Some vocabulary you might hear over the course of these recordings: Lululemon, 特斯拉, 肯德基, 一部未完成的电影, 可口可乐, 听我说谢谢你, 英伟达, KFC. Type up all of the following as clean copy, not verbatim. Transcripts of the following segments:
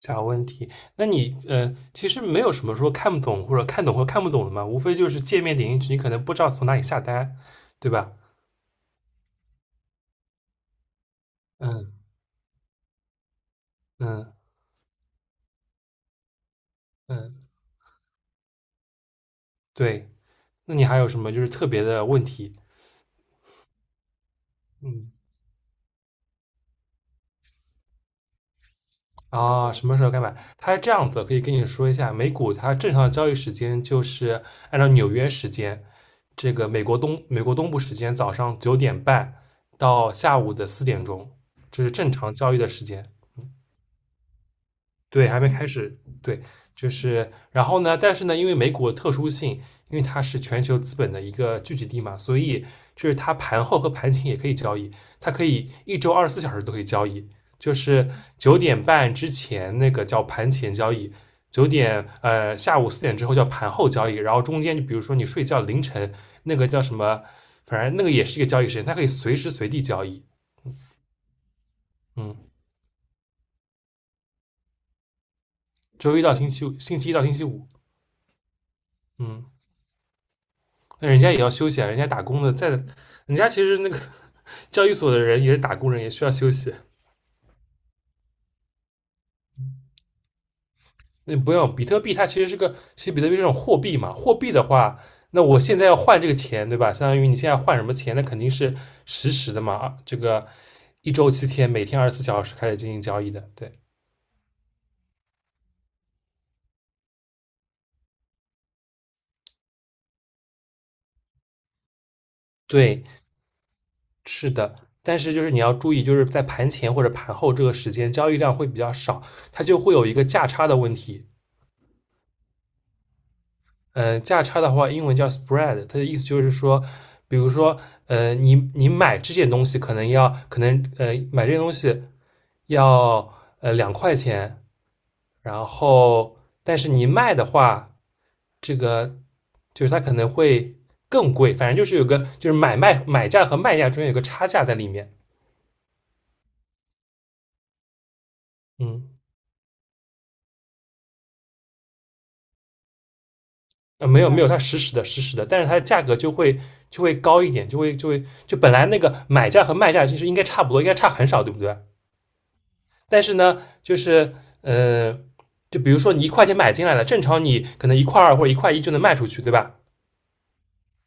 啥问题？那你其实没有什么说看不懂或者看懂或看不懂的嘛，无非就是界面点进去，你可能不知道从哪里下单，对吧？嗯嗯嗯，对。那你还有什么就是特别的问题？嗯什么时候该买？它是这样子的，可以跟你说一下，美股它正常的交易时间就是按照纽约时间，这个美国东部时间早上九点半到下午的4点钟，这是正常交易的时间。对，还没开始，对，就是然后呢，但是呢，因为美股的特殊性，因为它是全球资本的一个聚集地嘛，所以就是它盘后和盘前也可以交易，它可以一周二十四小时都可以交易，就是九点半之前那个叫盘前交易，下午 4 点之后叫盘后交易，然后中间就比如说你睡觉凌晨那个叫什么，反正那个也是一个交易时间，它可以随时随地交易。嗯，周一到星期五，星期一到星期五。嗯。那人家也要休息啊，人家打工的在，人家其实那个 交易所的人也是打工人，也需要休息。那不用，比特币它其实是个，其实比特币这种货币嘛，货币的话，那我现在要换这个钱，对吧？相当于你现在换什么钱，那肯定是实时的嘛，啊这个一周7 天，每天二十四小时开始进行交易的，对对。但是就是你要注意，就是在盘前或者盘后这个时间，交易量会比较少，它就会有一个价差的问题。价差的话，英文叫 spread，它的意思就是说，比如说，你买这件东西可能要，买这件东西要2 块钱，然后但是你卖的话，这个就是它可能会更贵，反正就是有个就是买卖买价和卖价中间有个差价在里面。嗯，没有没有，它实时的实时的，但是它的价格就会高一点，就会就会就本来那个买价和卖价其实应该差不多，应该差很少，对不对？但是呢，就是呃，就比如说你1 块钱买进来了，正常你可能1 块 2或者1 块 1就能卖出去，对吧？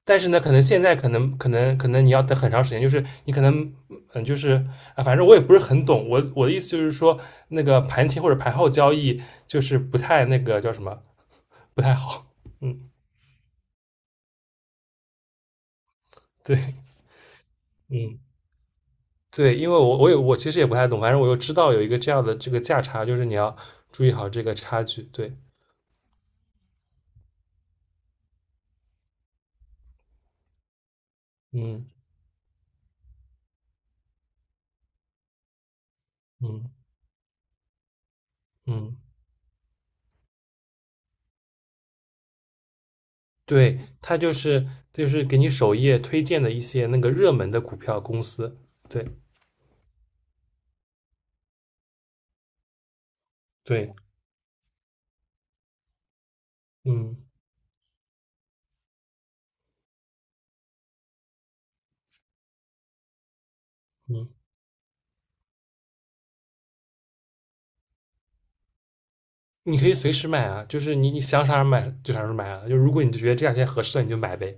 但是呢，可能现在可能你要等很长时间，就是你可能就是反正我也不是很懂。我的意思就是说，那个盘前或者盘后交易就是不太那个叫什么，不太好。嗯，对，嗯，对，因为我其实也不太懂，反正我又知道有一个这样的这个价差，就是你要注意好这个差距。对，嗯嗯嗯，对，它就是给你首页推荐的一些那个热门的股票公司，对对，嗯嗯，你可以随时买啊，就是你想啥时候买就啥时候买啊，就如果你觉得这两天合适了，你就买呗，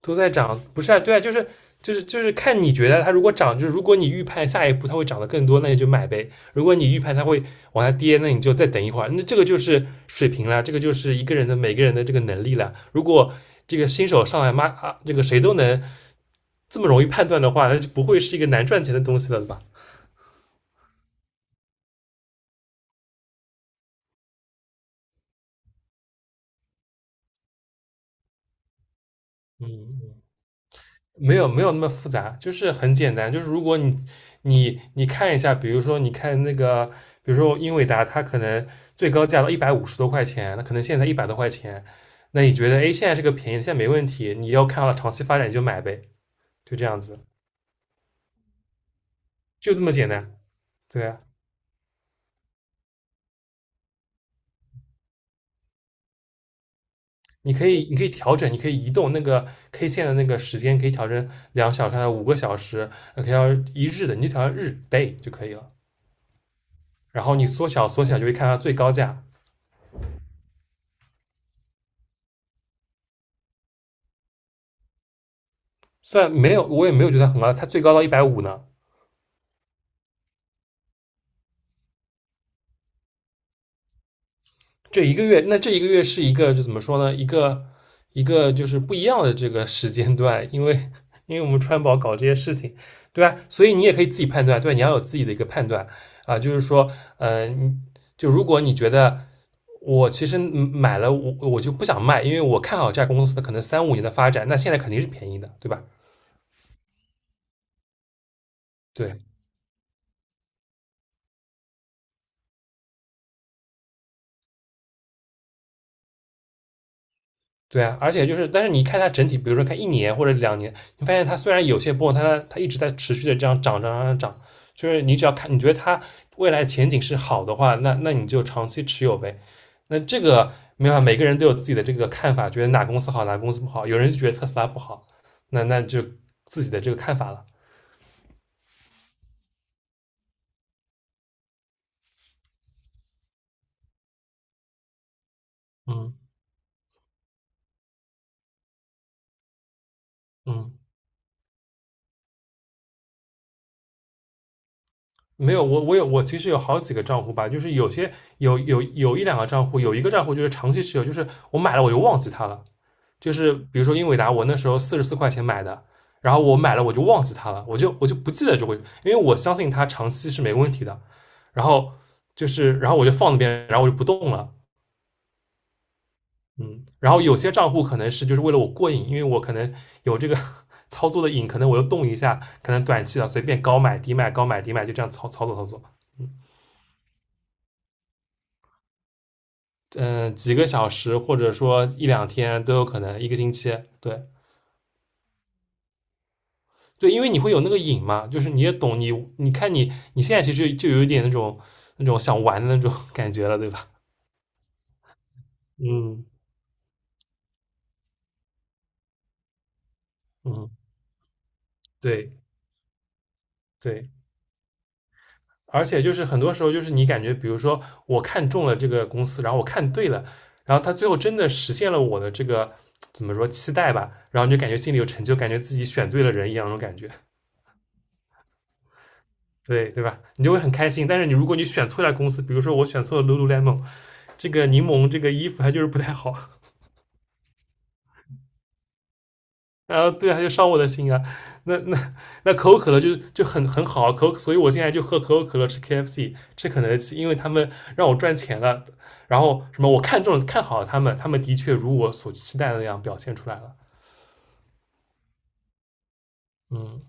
都在涨，不是啊，对啊，就是看你觉得它如果涨，就是如果你预判下一步它会涨得更多，那你就买呗；如果你预判它会往下跌，那你就再等一会儿，那这个就是水平了，这个就是一个人的每个人的这个能力了，如果。这个新手上来妈啊，这个谁都能这么容易判断的话，那就不会是一个难赚钱的东西了吧？嗯，没有没有那么复杂，就是很简单。就是如果你你看一下，比如说你看那个，比如说英伟达，它可能最高价到150 多块钱，那可能现在100 多块钱，那你觉得哎现在这个便宜，现在没问题，你要看到长期发展你就买呗，就这样子，就这么简单。对啊，你可以调整，你可以移动那个 K 线的那个时间，可以调成2 小时、5 个小时，可以调一日的，你就调日 day 就可以了。然后你缩小缩小就会看到最高价，虽然没有我也没有觉得很高，它最高到一百五十呢。这一个月，那这一个月是一个就怎么说呢？一个一个就是不一样的这个时间段，因为我们川宝搞这些事情，对吧？所以你也可以自己判断，对吧你要有自己的一个判断啊，就是说，呃，就如果你觉得我其实买了，我就不想卖，因为我看好这家公司的可能三五年的发展，那现在肯定是便宜的，对吧？对，对啊，而且就是，但是你看它整体，比如说看1 年或者2 年，你发现它虽然有些波动，它一直在持续的这样涨涨涨涨，涨，就是你只要看，你觉得它未来前景是好的话，那你就长期持有呗。那这个没办法，每个人都有自己的这个看法，觉得哪公司好，哪公司不好。有人就觉得特斯拉不好，那就自己的这个看法了。嗯嗯，没有，我其实有好几个账户吧，就是有些有一两个账户，有一个账户就是长期持有，就是我买了我就忘记它了。就是比如说英伟达，我那时候44 块钱买的，然后我买了我就忘记它了，我就不记得就会，因为我相信它长期是没问题的。然后就是，然后我就放那边，然后我就不动了。嗯，然后有些账户可能是就是为了我过瘾，因为我可能有这个 操作的瘾，可能我又动一下，可能短期的随便高买低卖，高买低卖，就这样操作操作，几个小时或者说一两天都有可能，一个星期，对，对，因为你会有那个瘾嘛，就是你也懂你，你看你现在其实就有一点那种想玩的那种 感觉了，对吧？嗯嗯，对对，而且就是很多时候就是你感觉，比如说我看中了这个公司，然后我看对了，然后他最后真的实现了我的这个怎么说期待吧，然后你就感觉心里有成就，感觉自己选对了人一样那种感觉，对吧？你就会很开心。但是你如果你选错了公司，比如说我选错了 Lululemon 这个柠檬这个衣服，它就是不太好。啊，对啊，就伤我的心啊。那可口可乐就很好啊，所以我现在就喝可口可乐，吃 KFC，吃肯德基，因为他们让我赚钱了。然后什么，我看中了看好了他们，他们的确如我所期待的那样表现出来了。嗯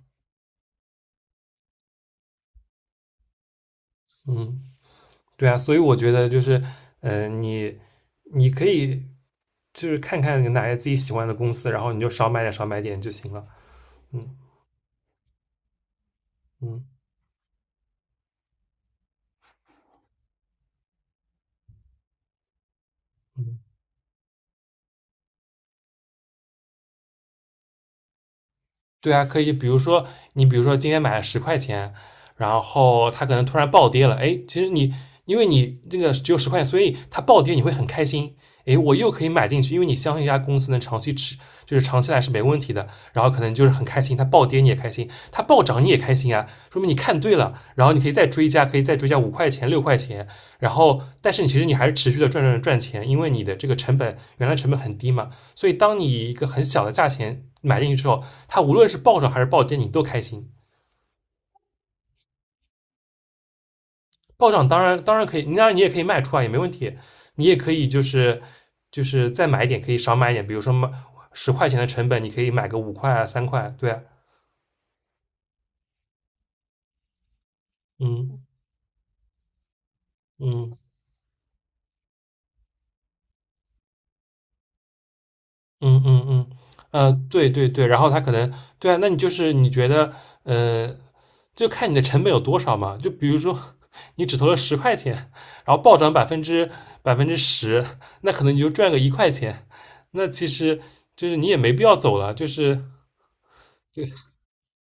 嗯，对啊，所以我觉得就是，嗯，你你可以就是看看哪些自己喜欢的公司，然后你就少买点少买点就行了。嗯嗯嗯。对啊，可以，比如说你，比如说今天买了十块钱，然后它可能突然暴跌了，哎，其实你因为你这个只有十块钱，所以它暴跌你会很开心，哎，我又可以买进去，因为你相信一家公司能长期持，就是长期来是没问题的，然后可能就是很开心，它暴跌你也开心，它暴涨你也开心啊，说明你看对了，然后你可以再追加，5块钱、6块钱，然后但是你其实你还是持续的赚钱，因为你的这个原来成本很低嘛，所以当你以一个很小的价钱买进去之后，它无论是暴涨还是暴跌，你都开心。暴涨当然可以，当然你也可以卖出啊，也没问题。你也可以就是再买一点，可以少买一点，比如说买十块钱的成本，你可以买个五块啊、3块啊，对啊，嗯嗯嗯嗯嗯，对对对，然后它可能对啊，那你就是你觉得呃就看你的成本有多少嘛。就比如说 你只投了10块钱，然后暴涨百分之十，那可能你就赚个1块钱。那其实就是你也没必要走了，就是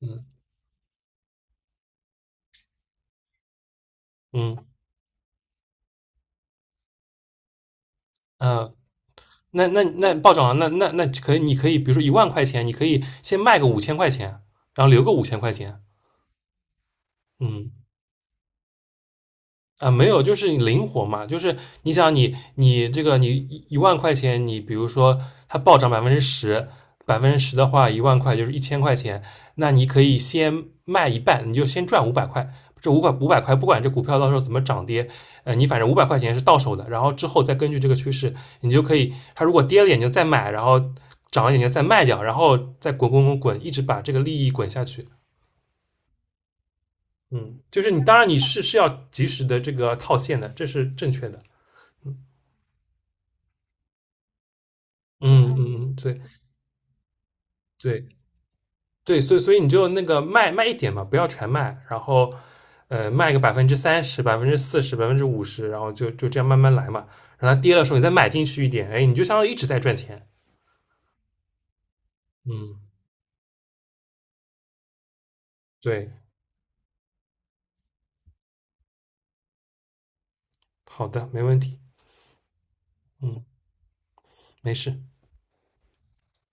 嗯嗯嗯、那暴涨了，那可以，你可以比如说一万块钱，你可以先卖个五千块钱，然后留个五千块钱，嗯。啊，没有，就是你灵活嘛，就是你想你这个你一万块钱，你比如说它暴涨百分之十，百分之十的话，一万块就是1000块钱，那你可以先卖一半，你就先赚五百块，这五百块不管这股票到时候怎么涨跌，你反正500块钱是到手的，然后之后再根据这个趋势，你就可以，它如果跌了眼睛再买，然后涨了眼睛再卖掉，然后再滚滚滚滚，一直把这个利益滚下去。嗯，就是你当然你是要及时的这个套现的，这是正确的。嗯嗯，嗯，对对对，所以你就那个卖一点嘛，不要全卖，然后卖个30%、40%、50%，然后就这样慢慢来嘛。然后它跌的时候你再买进去一点，哎，你就相当于一直在赚钱。嗯，对，好的，没问题。嗯，没事。